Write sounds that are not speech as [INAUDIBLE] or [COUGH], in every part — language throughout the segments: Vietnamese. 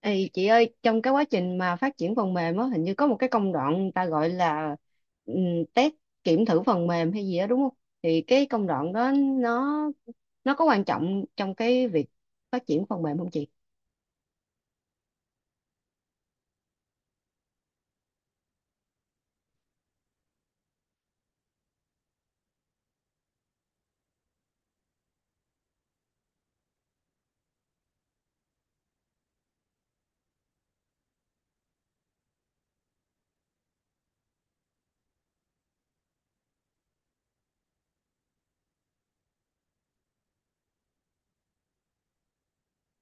Ê, chị ơi, trong cái quá trình mà phát triển phần mềm á, hình như có một cái công đoạn người ta gọi là ừm, test kiểm thử phần mềm hay gì đó đúng không? Thì cái công đoạn đó nó nó có quan trọng trong cái việc phát triển phần mềm không chị?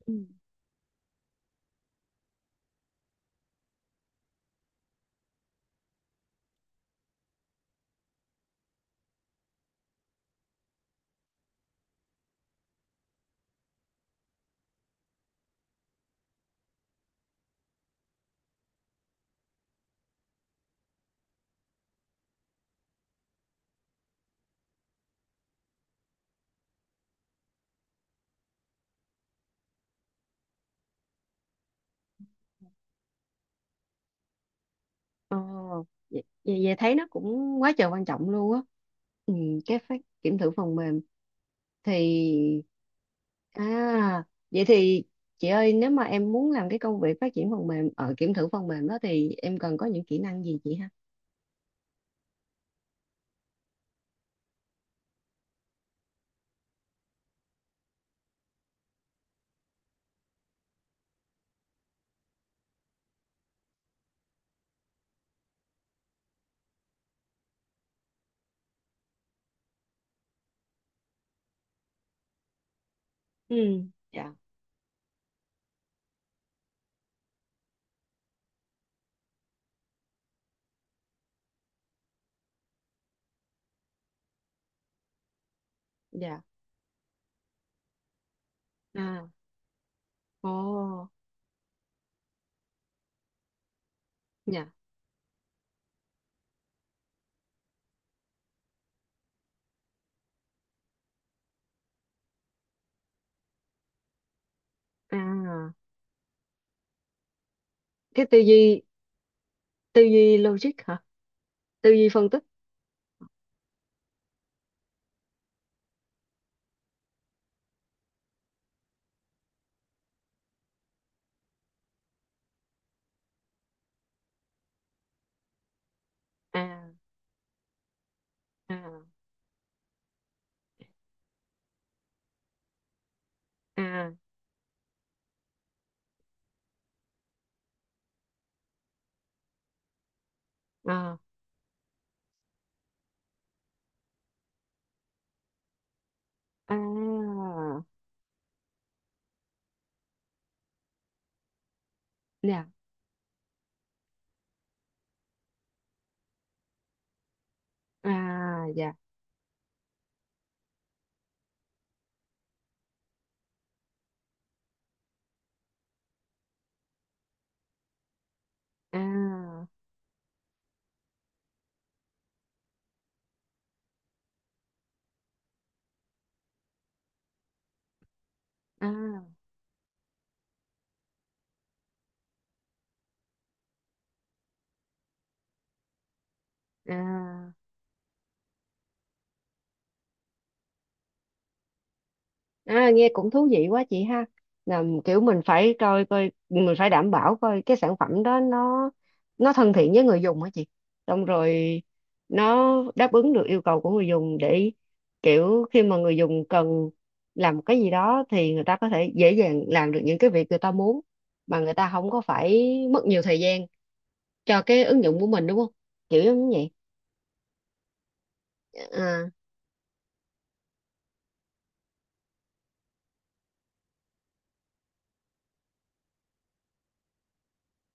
Ừ. Ờ, vậy, vậy vậy thấy nó cũng quá trời quan trọng luôn á. Ừ, cái phát kiểm thử phần mềm thì à vậy thì chị ơi nếu mà em muốn làm cái công việc phát triển phần mềm ở kiểm thử phần mềm đó thì em cần có những kỹ năng gì chị ha? Ừ. Dạ. Dạ. À. Ồ. Dạ. À. cái tư duy logic hả? Tư duy phân tích. À. À. À. À. À. Dạ. À. Dạ. À. À. À. À, nghe cũng thú vị quá chị ha. Là kiểu mình phải coi coi mình phải đảm bảo coi cái sản phẩm đó nó thân thiện với người dùng hả chị. Xong rồi nó đáp ứng được yêu cầu của người dùng, để kiểu khi mà người dùng cần làm một cái gì đó thì người ta có thể dễ dàng làm được những cái việc người ta muốn mà người ta không có phải mất nhiều thời gian cho cái ứng dụng của mình đúng không? Kiểu giống như vậy. À.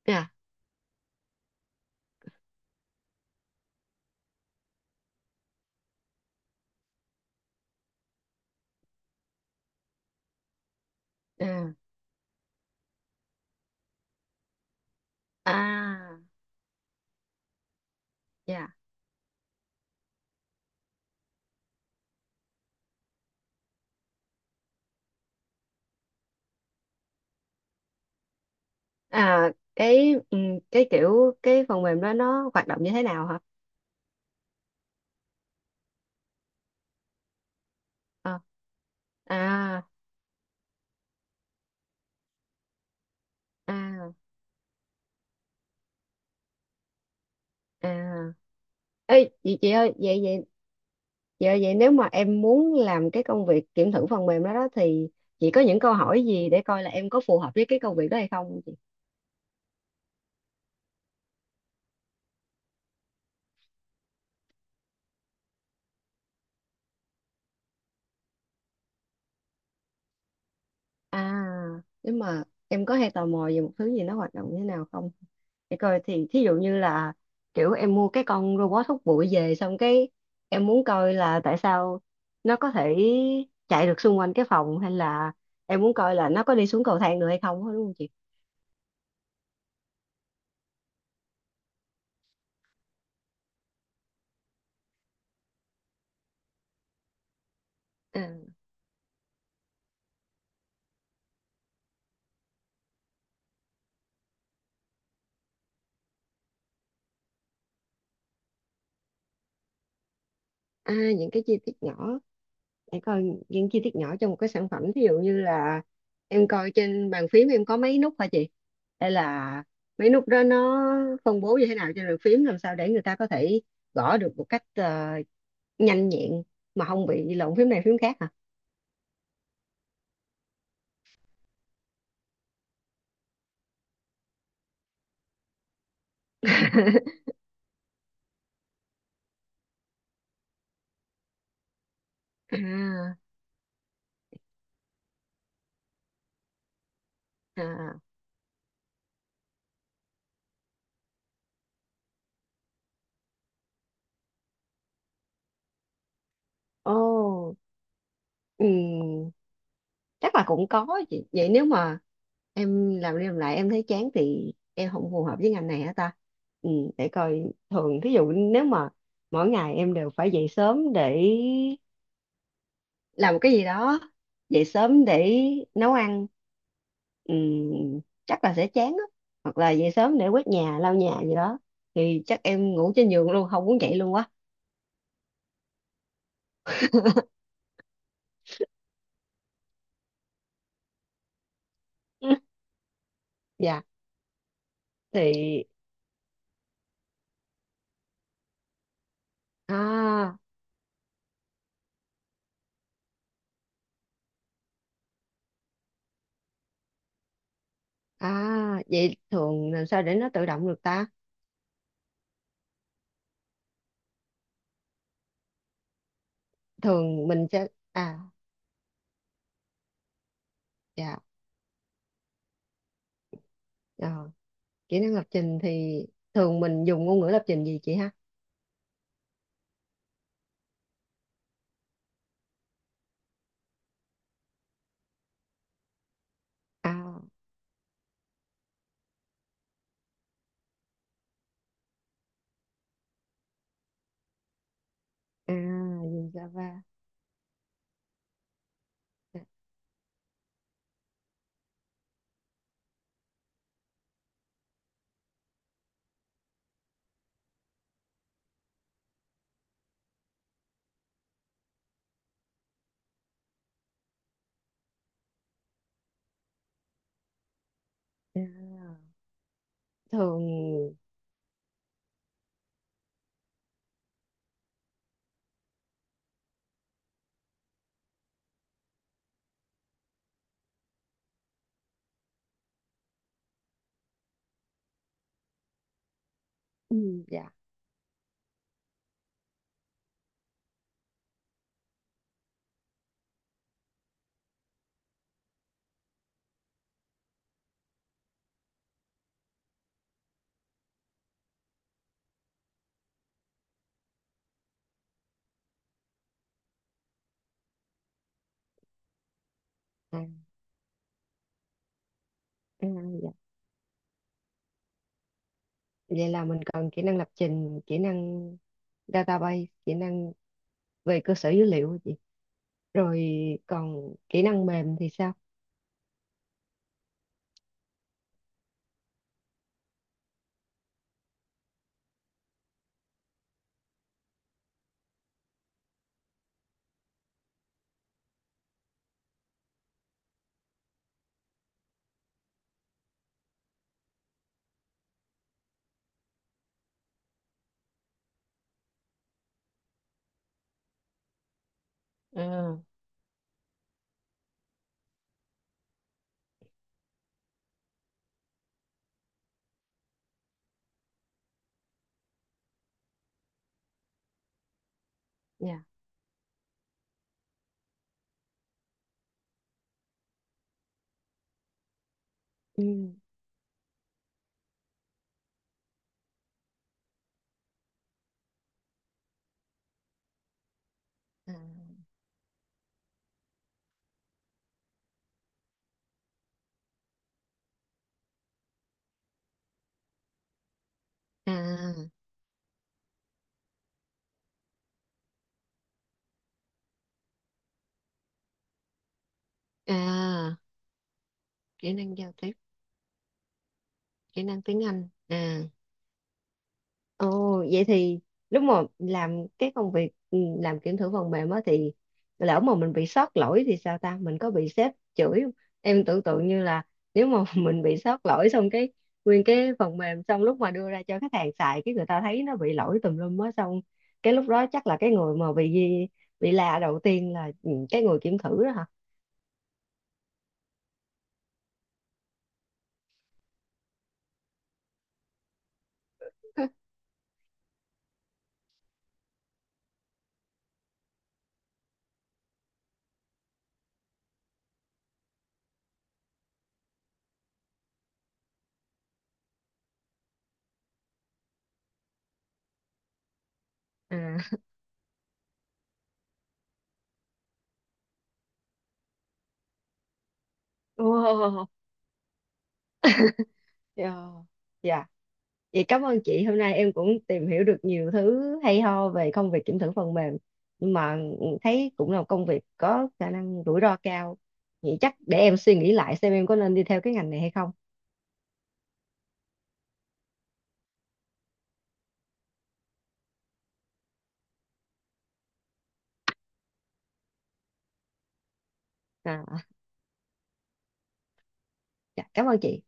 À. À. À. Dạ. à cái ừ, cái kiểu cái phần mềm đó nó hoạt động như thế nào hả? Ờ. À. À. À. Ê, chị ơi, vậy nếu mà em muốn làm cái công việc kiểm thử phần mềm đó đó thì chị có những câu hỏi gì để coi là em có phù hợp với cái công việc đó hay không? À, nhưng mà em có hay tò mò về một thứ gì nó hoạt động như thế nào không? Để coi thì thí dụ như là kiểu em mua cái con robot hút bụi về, xong cái em muốn coi là tại sao nó có thể chạy được xung quanh cái phòng, hay là em muốn coi là nó có đi xuống cầu thang được hay không á, đúng không chị? À, những cái chi tiết nhỏ, để coi những chi tiết nhỏ trong một cái sản phẩm, ví dụ như là em coi trên bàn phím em có mấy nút hả chị, hay là mấy nút đó nó phân bố như thế nào trên bàn phím, làm sao để người ta có thể gõ được một cách nhanh nhẹn mà không bị lộn phím này phím khác hả? À. À. Ô. Ừ, chắc là cũng có chị. Vậy nếu mà em làm đi làm lại em thấy chán thì em không phù hợp với ngành này hả ta? Ừ, để coi, thường thí dụ nếu mà mỗi ngày em đều phải dậy sớm để làm một cái gì đó, dậy sớm để nấu ăn, ừ, chắc là sẽ chán á, hoặc là dậy sớm để quét nhà lau nhà gì đó thì chắc em ngủ trên giường luôn không muốn dậy luôn quá. [LAUGHS] Dạ. thì à à Vậy thường làm sao để nó tự động được ta? Thường mình sẽ à Dạ. ờ, Kỹ năng lập trình thì thường mình dùng ngôn ngữ lập trình gì chị ha? À. À. Dùng Java. À. À. Thường. Ừ. Dạ. À. À. Dạ. Vậy là mình cần kỹ năng lập trình, kỹ năng database, kỹ năng về cơ sở dữ liệu hả chị? Rồi còn kỹ năng mềm thì sao? À. Dạ. Ừ. À. À. À. Kỹ năng giao tiếp, kỹ năng tiếng Anh à? Ồ, vậy thì lúc mà làm cái công việc làm kiểm thử phần mềm á thì lỡ mà mình bị sót lỗi thì sao ta? Mình có bị sếp chửi không? Em tưởng tượng như là nếu mà [LAUGHS] mình bị sót lỗi xong cái nguyên cái phần mềm, xong lúc mà đưa ra cho khách hàng xài cái người ta thấy nó bị lỗi tùm lum á, xong cái lúc đó chắc là cái người mà bị la đầu tiên là cái người kiểm thử đó hả? [LAUGHS] À. Wow. Yeah. Vậy cảm ơn chị, hôm nay em cũng tìm hiểu được nhiều thứ hay ho về công việc kiểm thử phần mềm. Nhưng mà thấy cũng là một công việc có khả năng rủi ro cao. Vậy chắc để em suy nghĩ lại xem em có nên đi theo cái ngành này hay không. À, dạ, cảm ơn chị.